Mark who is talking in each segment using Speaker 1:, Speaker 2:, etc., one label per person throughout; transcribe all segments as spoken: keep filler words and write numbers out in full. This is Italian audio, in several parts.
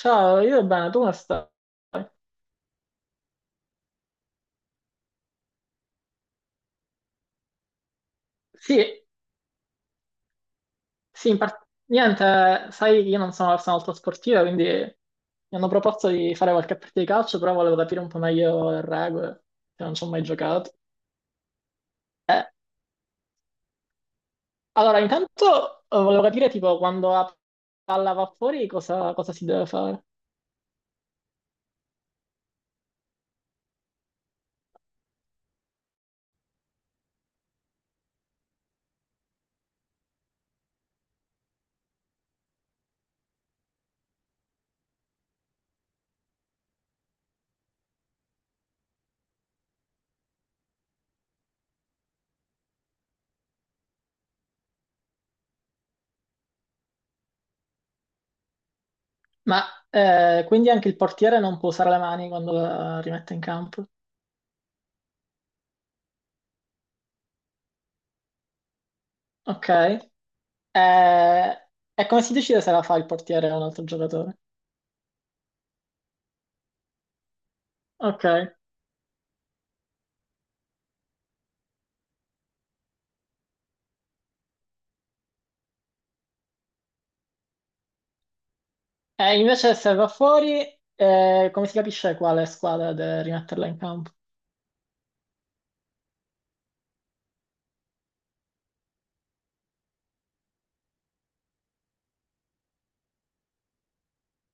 Speaker 1: Ciao, io bene, tu come stai? Sì, sì, in par- niente, sai, io non sono una persona molto sportiva, quindi mi hanno proposto di fare qualche partita di calcio, però volevo capire un po' meglio le regole, che non ci ho mai giocato. Eh, allora, intanto eh, volevo capire, tipo, quando la palla va fuori, cosa, cosa si deve fare? Ma eh, quindi anche il portiere non può usare le mani quando la rimette in campo? Ok. Eh, E come si decide se la fa il portiere o un altro giocatore? Ok. E invece se va fuori, eh, come si capisce quale squadra deve rimetterla in campo?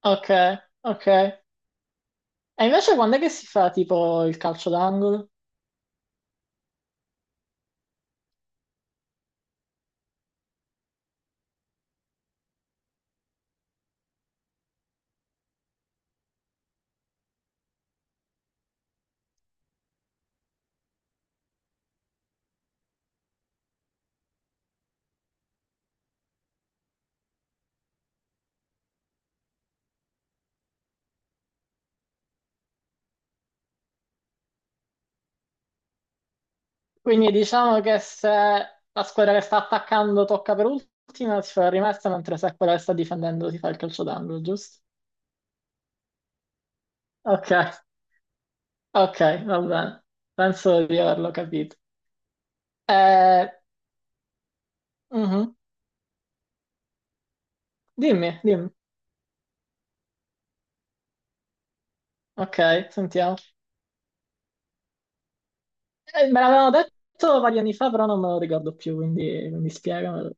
Speaker 1: Ok, ok. E invece quando è che si fa tipo il calcio d'angolo? Quindi diciamo che se la squadra che sta attaccando tocca per ultima, si fa la rimessa, mentre se quella che sta difendendo si fa il calcio d'angolo, giusto? Ok, ok, va bene. Penso di averlo capito. Eh, mhm. Dimmi, dimmi. Ok, sentiamo. Eh, me l'avevano detto vari anni fa, però non me lo ricordo più, quindi mi spiego.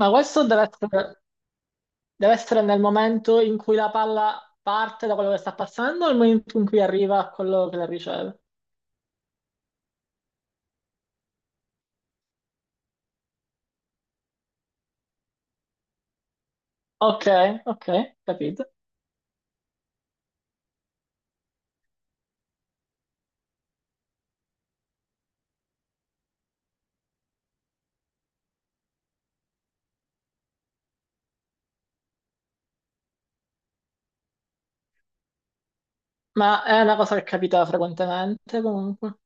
Speaker 1: Ma questo deve essere, deve essere nel momento in cui la palla parte da quello che sta passando o nel momento in cui arriva a quello che la riceve? Ok, ok, capito. Ma è una cosa che capita frequentemente comunque.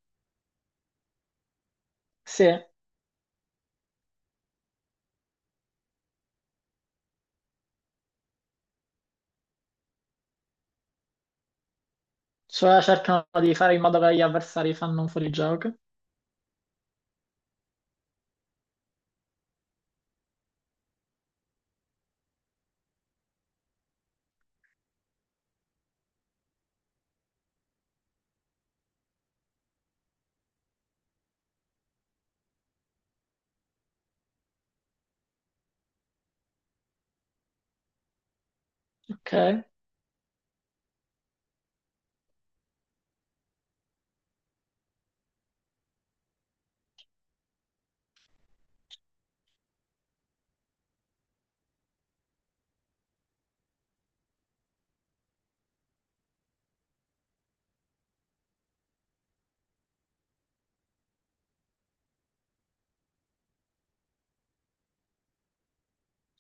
Speaker 1: Sì, cioè cercano di fare in modo che gli avversari fanno un fuorigioco. Ok,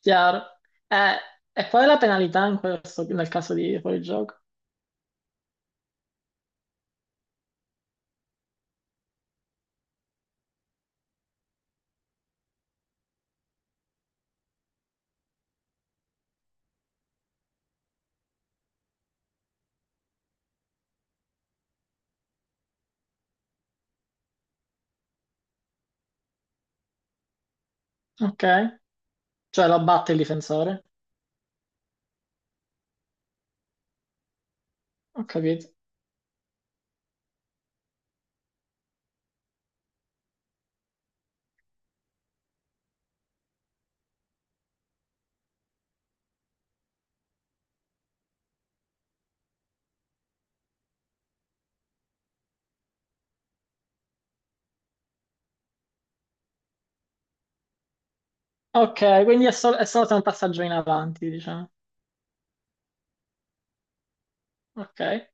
Speaker 1: chiaro. Eh, e qual è la penalità in questo, nel caso di fuorigioco? Ok. Cioè lo batte il difensore? Ho capito. Ok, quindi è, sol- è solo se è un passaggio in avanti, diciamo. Ok. E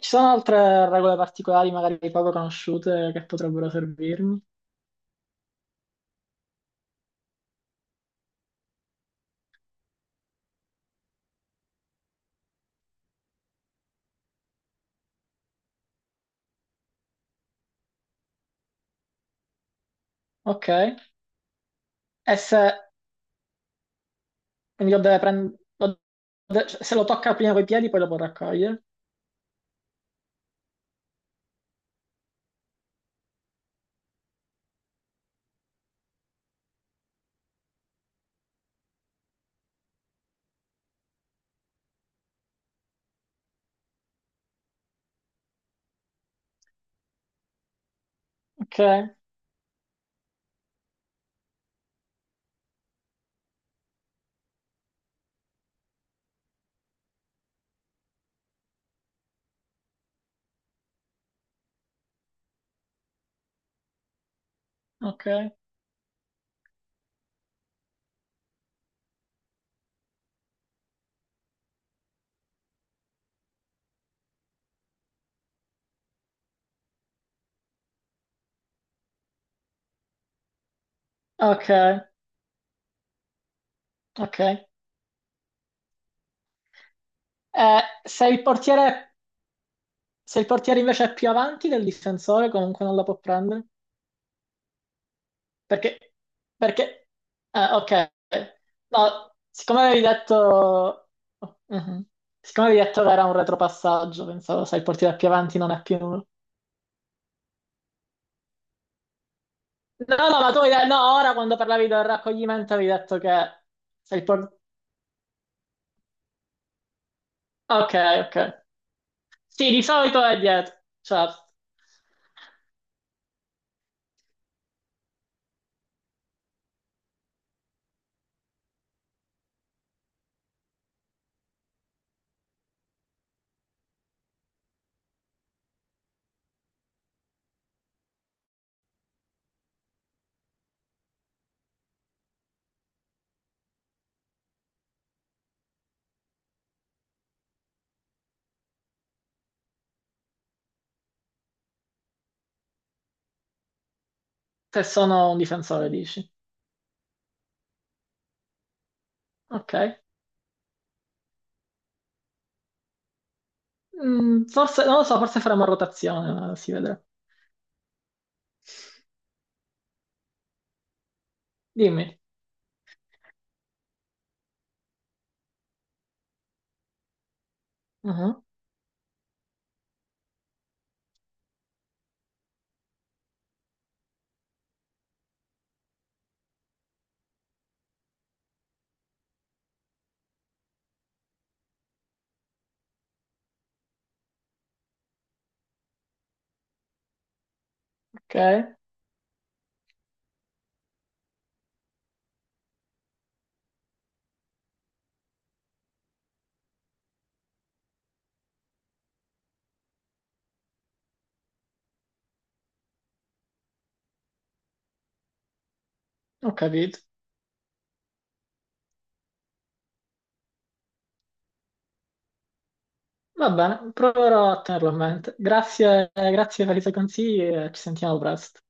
Speaker 1: ci sono altre regole particolari, magari poco conosciute, che potrebbero servirmi? Ok. E se quindi lo deve prendere... Se lo tocca prima coi piedi, poi lo può raccogliere. Ok, ok, ok, ok. Eh, se il portiere... Se il portiere invece è più avanti del difensore, comunque non la può prendere. Perché... Perché... eh, ok. No, siccome avevi detto... Mhm. Siccome avevi detto che era un retropassaggio, pensavo, sai, il portiere più avanti non è più... No, no, ma tu hai detto... No, ora quando parlavi del raccoglimento avevi detto che... sei il por- Ok, ok. Sì, di solito è dietro. Certo. Se sono un difensore, dici. Ok. Mm, forse, non lo so, forse faremo rotazione, ma si vedrà. Dimmi. Mhm. Ok, ho capito. Va bene, proverò a tenerlo a mente. Grazie, grazie per i tuoi consigli e ci sentiamo presto.